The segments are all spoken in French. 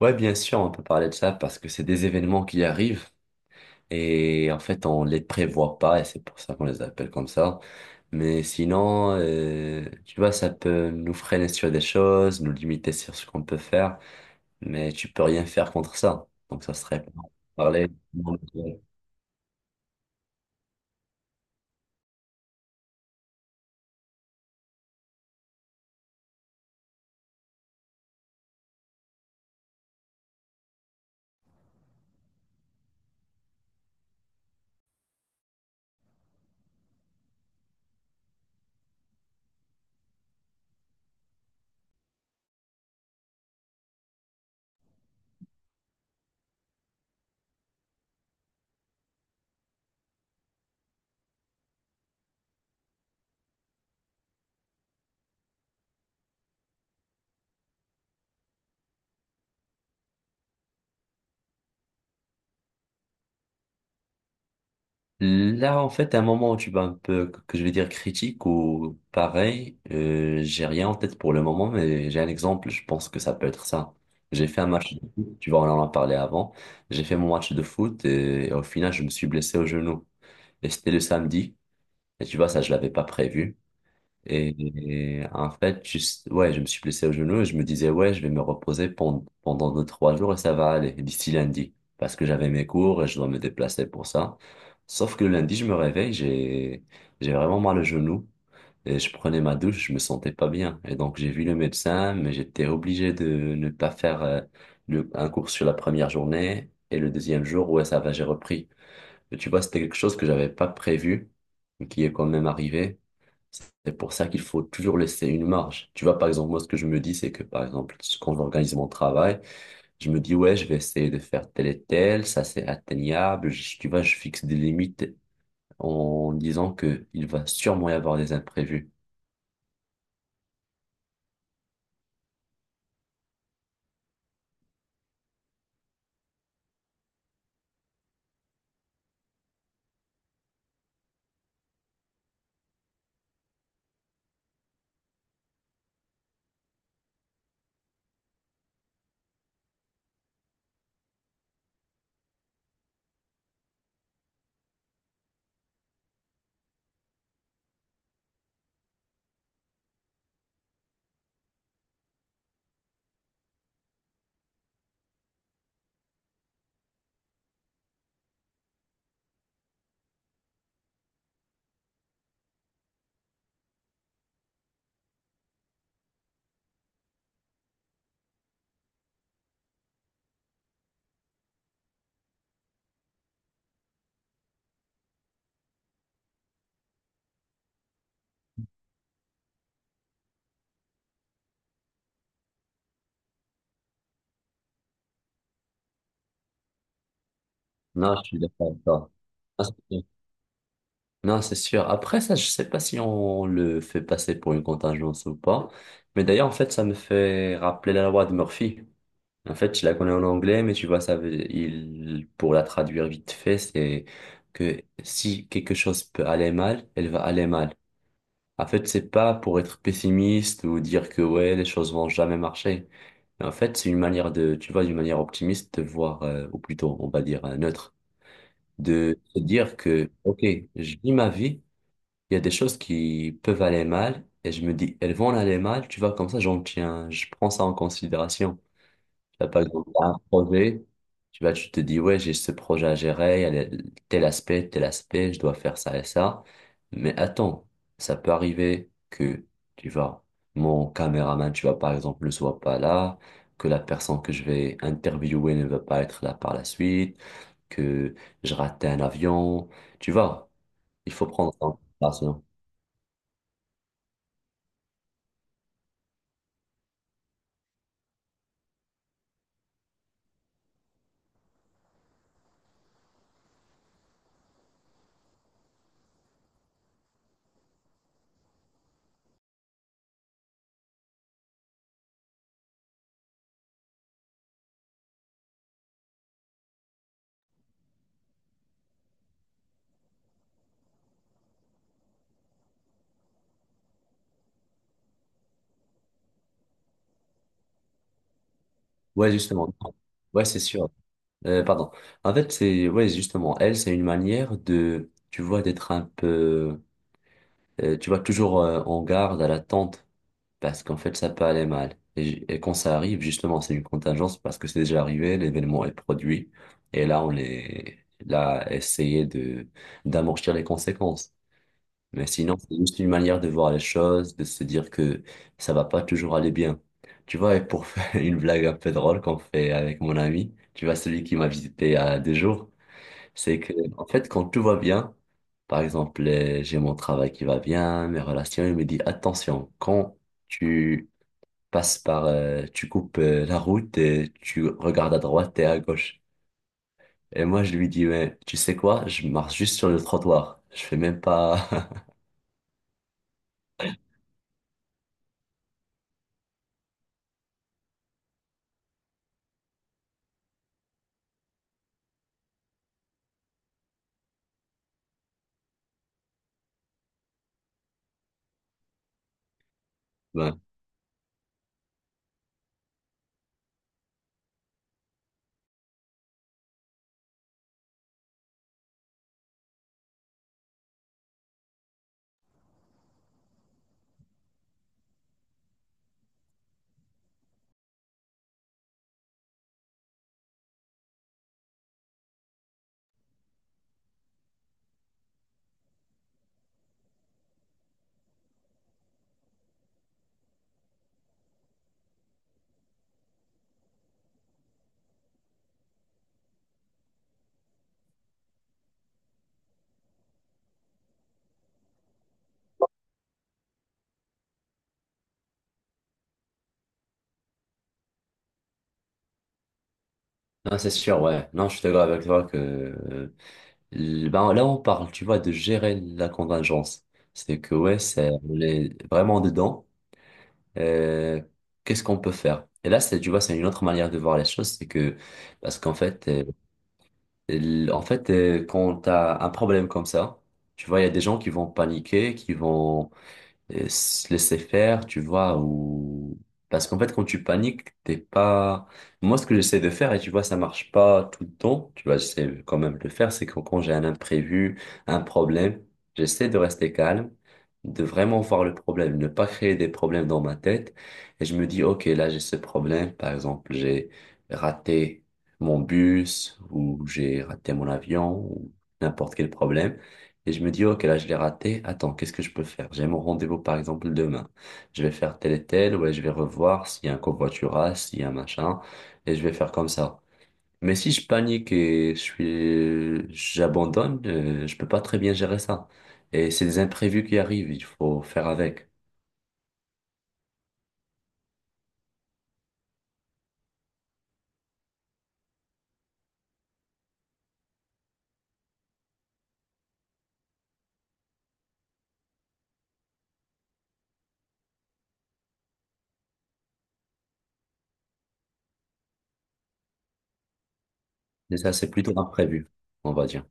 Ouais, bien sûr, on peut parler de ça parce que c'est des événements qui arrivent et en fait on les prévoit pas et c'est pour ça qu'on les appelle comme ça. Mais sinon, tu vois, ça peut nous freiner sur des choses, nous limiter sur ce qu'on peut faire, mais tu peux rien faire contre ça. Donc ça serait pas parler. Là, en fait, à un moment où tu vas un peu, que je vais dire critique ou pareil, j'ai rien en tête pour le moment, mais j'ai un exemple, je pense que ça peut être ça. J'ai fait un match de foot, tu vois, on en a parlé avant. J'ai fait mon match de foot et, au final, je me suis blessé au genou. Et c'était le samedi. Et tu vois, ça, je l'avais pas prévu. Et en fait, juste, ouais, je me suis blessé au genou et je me disais, ouais, je vais me reposer pendant 2, 3 jours et ça va aller d'ici lundi. Parce que j'avais mes cours et je dois me déplacer pour ça. Sauf que le lundi, je me réveille, j'ai vraiment mal au genou. Et je prenais ma douche, je me sentais pas bien. Et donc, j'ai vu le médecin, mais j'étais obligé de ne pas faire un cours sur la première journée. Et le deuxième jour, ouais, ça va, j'ai repris. Et tu vois, c'était quelque chose que j'avais pas prévu, mais qui est quand même arrivé. C'est pour ça qu'il faut toujours laisser une marge. Tu vois, par exemple, moi, ce que je me dis, c'est que, par exemple, quand j'organise mon travail, je me dis, ouais, je vais essayer de faire tel et tel, ça c'est atteignable. Tu vois, je fixe des limites en disant que il va sûrement y avoir des imprévus. Non, je suis d'accord avec toi. Ah, c'est sûr. Non, c'est sûr. Après, ça, je sais pas si on le fait passer pour une contingence ou pas. Mais d'ailleurs, en fait, ça me fait rappeler la loi de Murphy. En fait, je la connais en anglais, mais tu vois, ça veut, il, pour la traduire vite fait, c'est que si quelque chose peut aller mal, elle va aller mal. En fait, c'est pas pour être pessimiste ou dire que ouais, les choses vont jamais marcher. Mais en fait, c'est une manière de, tu vois, d'une manière optimiste de voir, ou plutôt, on va dire, neutre, de se dire que, ok, je vis ma vie, il y a des choses qui peuvent aller mal, et je me dis, elles vont aller mal, tu vois, comme ça, j'en tiens, je prends ça en considération. Tu vas par exemple t'as un projet, tu vas, tu te dis, ouais, j'ai ce projet à gérer, il y a tel aspect, je dois faire ça et ça. Mais attends, ça peut arriver que, tu vois, mon caméraman, tu vois, par exemple, ne soit pas là, que la personne que je vais interviewer ne va pas être là par la suite, que je rate un avion, tu vois, il faut prendre ça en considération. Ouais, justement. Ouais, c'est sûr. Pardon. En fait, c'est ouais, justement, elle, c'est une manière de, tu vois, d'être un peu, tu vois, toujours en garde, à l'attente, parce qu'en fait, ça peut aller mal. Et, et quand ça arrive, justement, c'est une contingence parce que c'est déjà arrivé, l'événement est produit, et là, on est là, à essayer de d'amortir les conséquences. Mais sinon, c'est juste une manière de voir les choses, de se dire que ça va pas toujours aller bien. Tu vois, et pour faire une blague un peu drôle qu'on fait avec mon ami, tu vois, celui qui m'a visité il y a 2 jours. C'est que, en fait, quand tout va bien, par exemple, j'ai mon travail qui va bien, mes relations, il me dit, attention, quand tu passes par, tu coupes la route et tu regardes à droite et à gauche. Et moi, je lui dis, mais tu sais quoi, je marche juste sur le trottoir. Je fais même pas. Ouais. Non, c'est sûr, ouais. Non, je suis d'accord avec toi que, ben, là, on parle, tu vois, de gérer la contingence. C'est que, ouais, c'est, on est vraiment dedans. euh, Qu'est-ce qu'on peut faire? Et là, c'est, tu vois, c'est une autre manière de voir les choses, c'est que, parce qu'en fait, en fait, quand t'as un problème comme ça, tu vois, il y a des gens qui vont paniquer, qui vont et se laisser faire, tu vois, ou parce qu'en fait quand tu paniques, t'es pas moi ce que j'essaie de faire et tu vois ça marche pas tout le temps, tu vois, j'essaie quand même de le faire, c'est que quand j'ai un imprévu, un problème, j'essaie de rester calme, de vraiment voir le problème, ne pas créer des problèmes dans ma tête et je me dis OK, là j'ai ce problème, par exemple, j'ai raté mon bus ou j'ai raté mon avion ou n'importe quel problème. Et je me dis, ok, là, je l'ai raté. Attends, qu'est-ce que je peux faire? J'ai mon rendez-vous, par exemple, demain. Je vais faire tel et tel, ouais, je vais revoir s'il y a un covoiturage, s'il y a un machin, et je vais faire comme ça. Mais si je panique et je suis, j'abandonne, je peux pas très bien gérer ça. Et c'est des imprévus qui arrivent, il faut faire avec. Et ça, c'est plutôt imprévu, on va dire.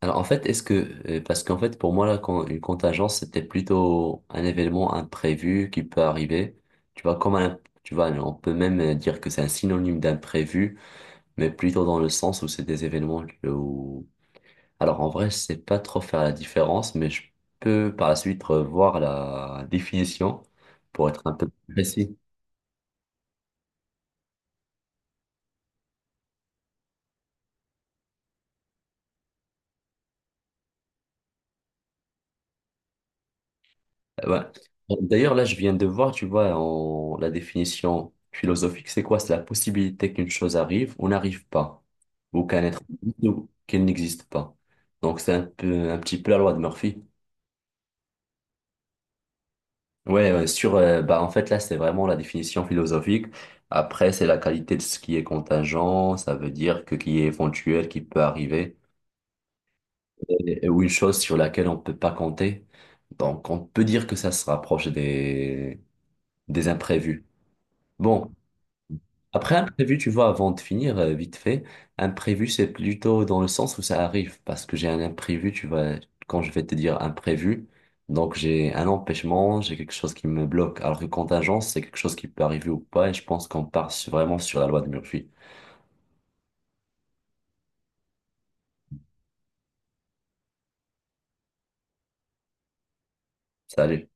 Alors en fait, est-ce que parce qu'en fait pour moi là, quand, une contingence c'était plutôt un événement imprévu qui peut arriver. Tu vois comme un, tu vois on peut même dire que c'est un synonyme d'imprévu, mais plutôt dans le sens où c'est des événements où alors en vrai je sais pas trop faire la différence, mais je peux par la suite revoir la définition pour être un peu plus précis. Ouais. Bon, d'ailleurs, là, je viens de voir, tu vois, la définition philosophique, c'est quoi? C'est la possibilité qu'une chose arrive ou n'arrive pas, ou qu'un être existe ou qu'elle n'existe pas. Donc, c'est un peu, un petit peu la loi de Murphy. Ouais, ouais, sur, bah, en fait, là, c'est vraiment la définition philosophique. Après, c'est la qualité de ce qui est contingent, ça veut dire que qui est éventuel, qui peut arriver, ou une chose sur laquelle on ne peut pas compter. Donc, on peut dire que ça se rapproche des imprévus. Bon. Après, imprévu, tu vois, avant de finir, vite fait, imprévu, c'est plutôt dans le sens où ça arrive, parce que j'ai un imprévu, tu vois, quand je vais te dire imprévu, donc j'ai un empêchement, j'ai quelque chose qui me bloque, alors que contingence, c'est quelque chose qui peut arriver ou pas, et je pense qu'on part vraiment sur la loi de Murphy. Salut.